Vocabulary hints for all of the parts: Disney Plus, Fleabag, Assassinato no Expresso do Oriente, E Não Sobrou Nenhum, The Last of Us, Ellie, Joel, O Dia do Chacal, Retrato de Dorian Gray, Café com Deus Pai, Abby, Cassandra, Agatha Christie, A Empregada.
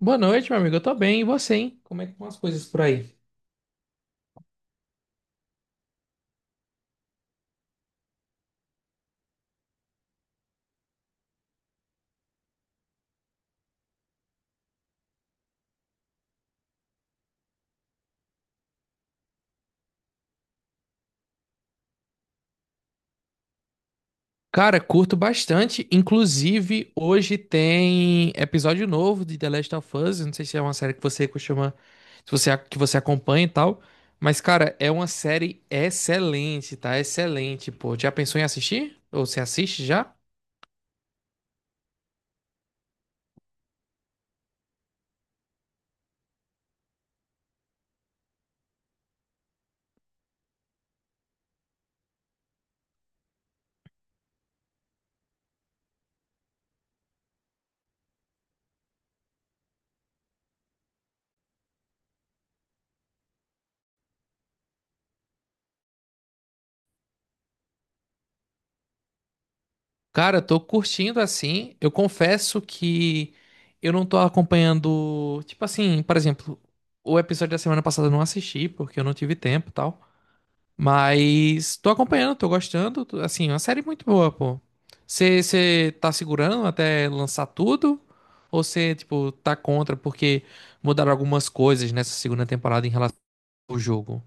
Boa noite, meu amigo. Eu tô bem, e você, hein? Como é que estão as coisas por aí? Cara, curto bastante. Inclusive, hoje tem episódio novo de The Last of Us. Eu não sei se é uma série que você costuma, se você, que você acompanha e tal. Mas, cara, é uma série excelente, tá? Excelente, pô. Já pensou em assistir? Ou você assiste já? Cara, tô curtindo assim. Eu confesso que eu não tô acompanhando. Tipo assim, por exemplo, o episódio da semana passada eu não assisti, porque eu não tive tempo e tal. Mas tô acompanhando, tô gostando. Assim, é uma série muito boa, pô. Você tá segurando até lançar tudo? Ou você, tipo, tá contra porque mudaram algumas coisas nessa segunda temporada em relação ao jogo?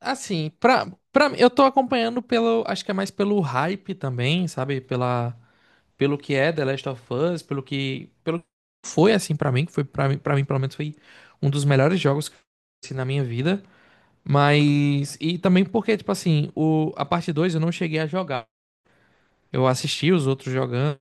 Assim, pra mim, eu tô acompanhando pelo. Acho que é mais pelo hype também, sabe? Pelo que é The Last of Us, Pelo que foi assim pra mim, que foi pra mim, pelo menos, foi um dos melhores jogos que eu conheci na minha vida. Mas. E também porque, tipo assim, a parte 2 eu não cheguei a jogar. Eu assisti os outros jogando.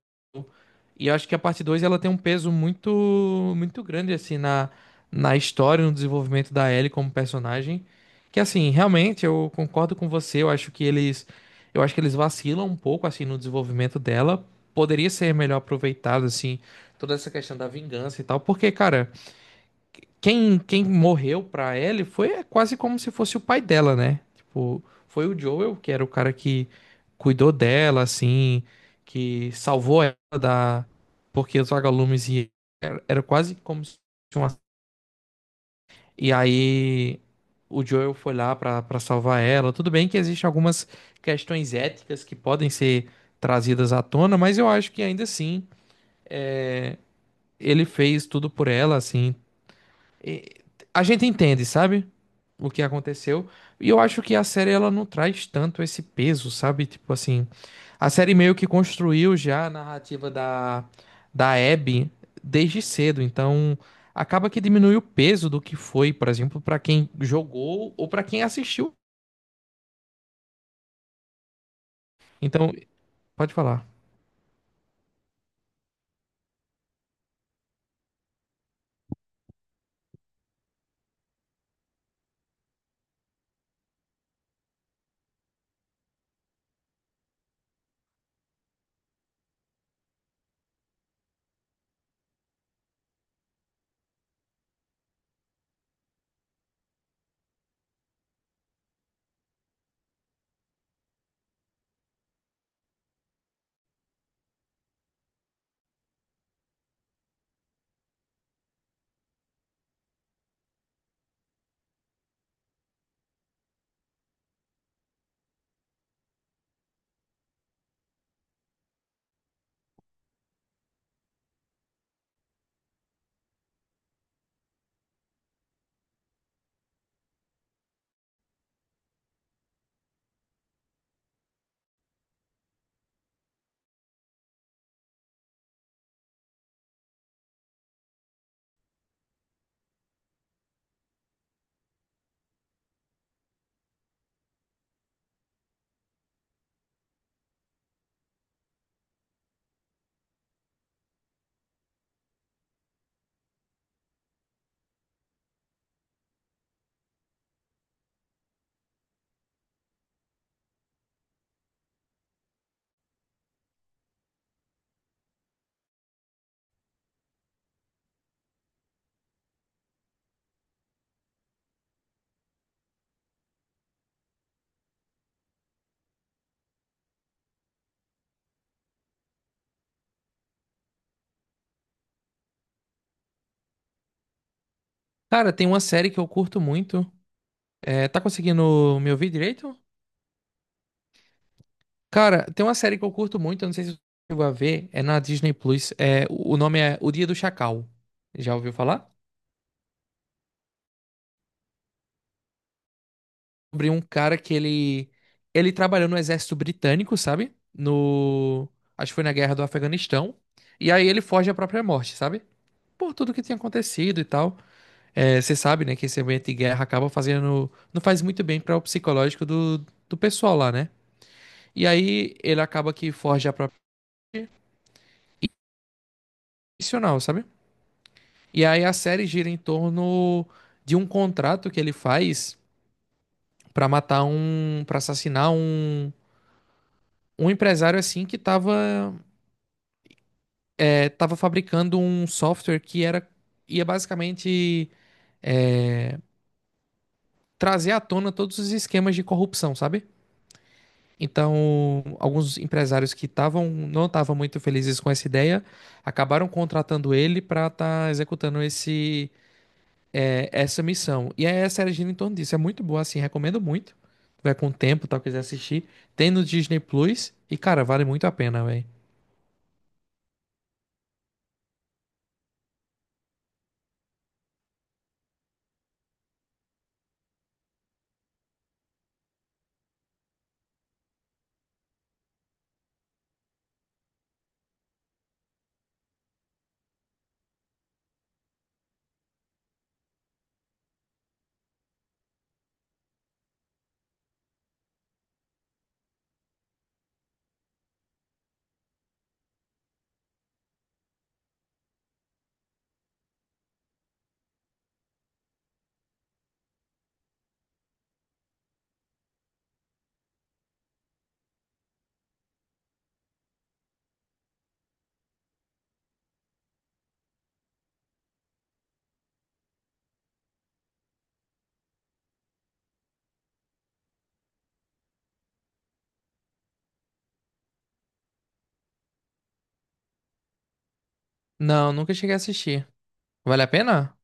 E eu acho que a parte 2 ela tem um peso muito, muito grande, assim, na história, no desenvolvimento da Ellie como personagem. Que, assim, realmente eu concordo com você. Eu acho que eles vacilam um pouco, assim, no desenvolvimento dela. Poderia ser melhor aproveitado, assim, toda essa questão da vingança e tal. Porque, cara. Quem morreu pra Ellie foi é quase como se fosse o pai dela, né? Tipo, foi o Joel, que era o cara que cuidou dela, assim, que salvou ela da... Porque os vagalumes e era quase como se fosse uma... E aí o Joel foi lá pra salvar ela. Tudo bem que existem algumas questões éticas que podem ser trazidas à tona, mas eu acho que ainda assim é, ele fez tudo por ela, assim. E a gente entende, sabe? O que aconteceu. E eu acho que a série ela não traz tanto esse peso, sabe? Tipo assim, a série meio que construiu já a narrativa da Abby desde cedo, então acaba que diminui o peso do que foi, por exemplo, pra quem jogou ou pra quem assistiu. Então, pode falar. Cara, tem uma série que eu curto muito. É, tá conseguindo me ouvir direito? Cara, tem uma série que eu curto muito, eu não sei se você chegou a ver, é na Disney Plus. É, o nome é O Dia do Chacal. Já ouviu falar? Sobre um cara que ele trabalhou no exército britânico, sabe? No Acho que foi na guerra do Afeganistão. E aí ele foge à própria morte, sabe? Por tudo que tinha acontecido e tal. É, você sabe, né, que esse ambiente de guerra acaba fazendo não faz muito bem para o psicológico do pessoal lá, né? E aí ele acaba que foge à própria morte, e, sabe? E aí a série gira em torno de um contrato que ele faz pra Pra assassinar um empresário assim que tava fabricando um software que era ia basicamente é, trazer à tona todos os esquemas de corrupção, sabe? Então, alguns empresários que estavam não estavam muito felizes com essa ideia acabaram contratando ele pra estar executando essa missão. E aí a série gira em torno disso. É muito boa, assim, recomendo muito. Vai com o tempo, tal, quiser assistir. Tem no Disney Plus. E, cara, vale muito a pena, velho. Não, nunca cheguei a assistir. Vale a pena?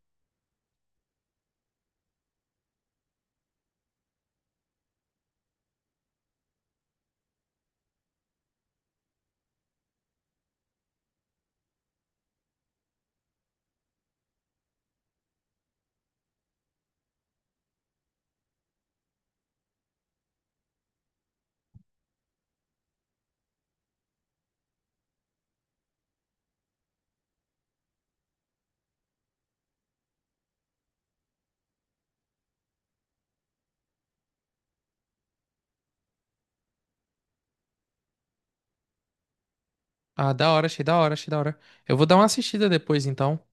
Ah, da hora, achei da hora, achei da hora. Eu vou dar uma assistida depois, então.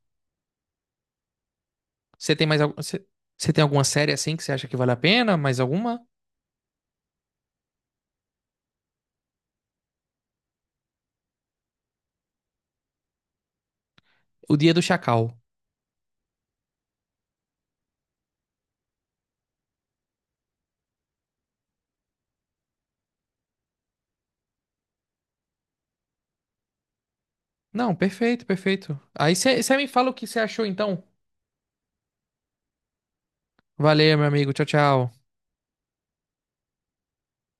Você tem mais algum... Você tem alguma série assim que você acha que vale a pena? Mais alguma? O Dia do Chacal. Não, perfeito, perfeito. Aí você me fala o que você achou, então. Valeu, meu amigo. Tchau, tchau.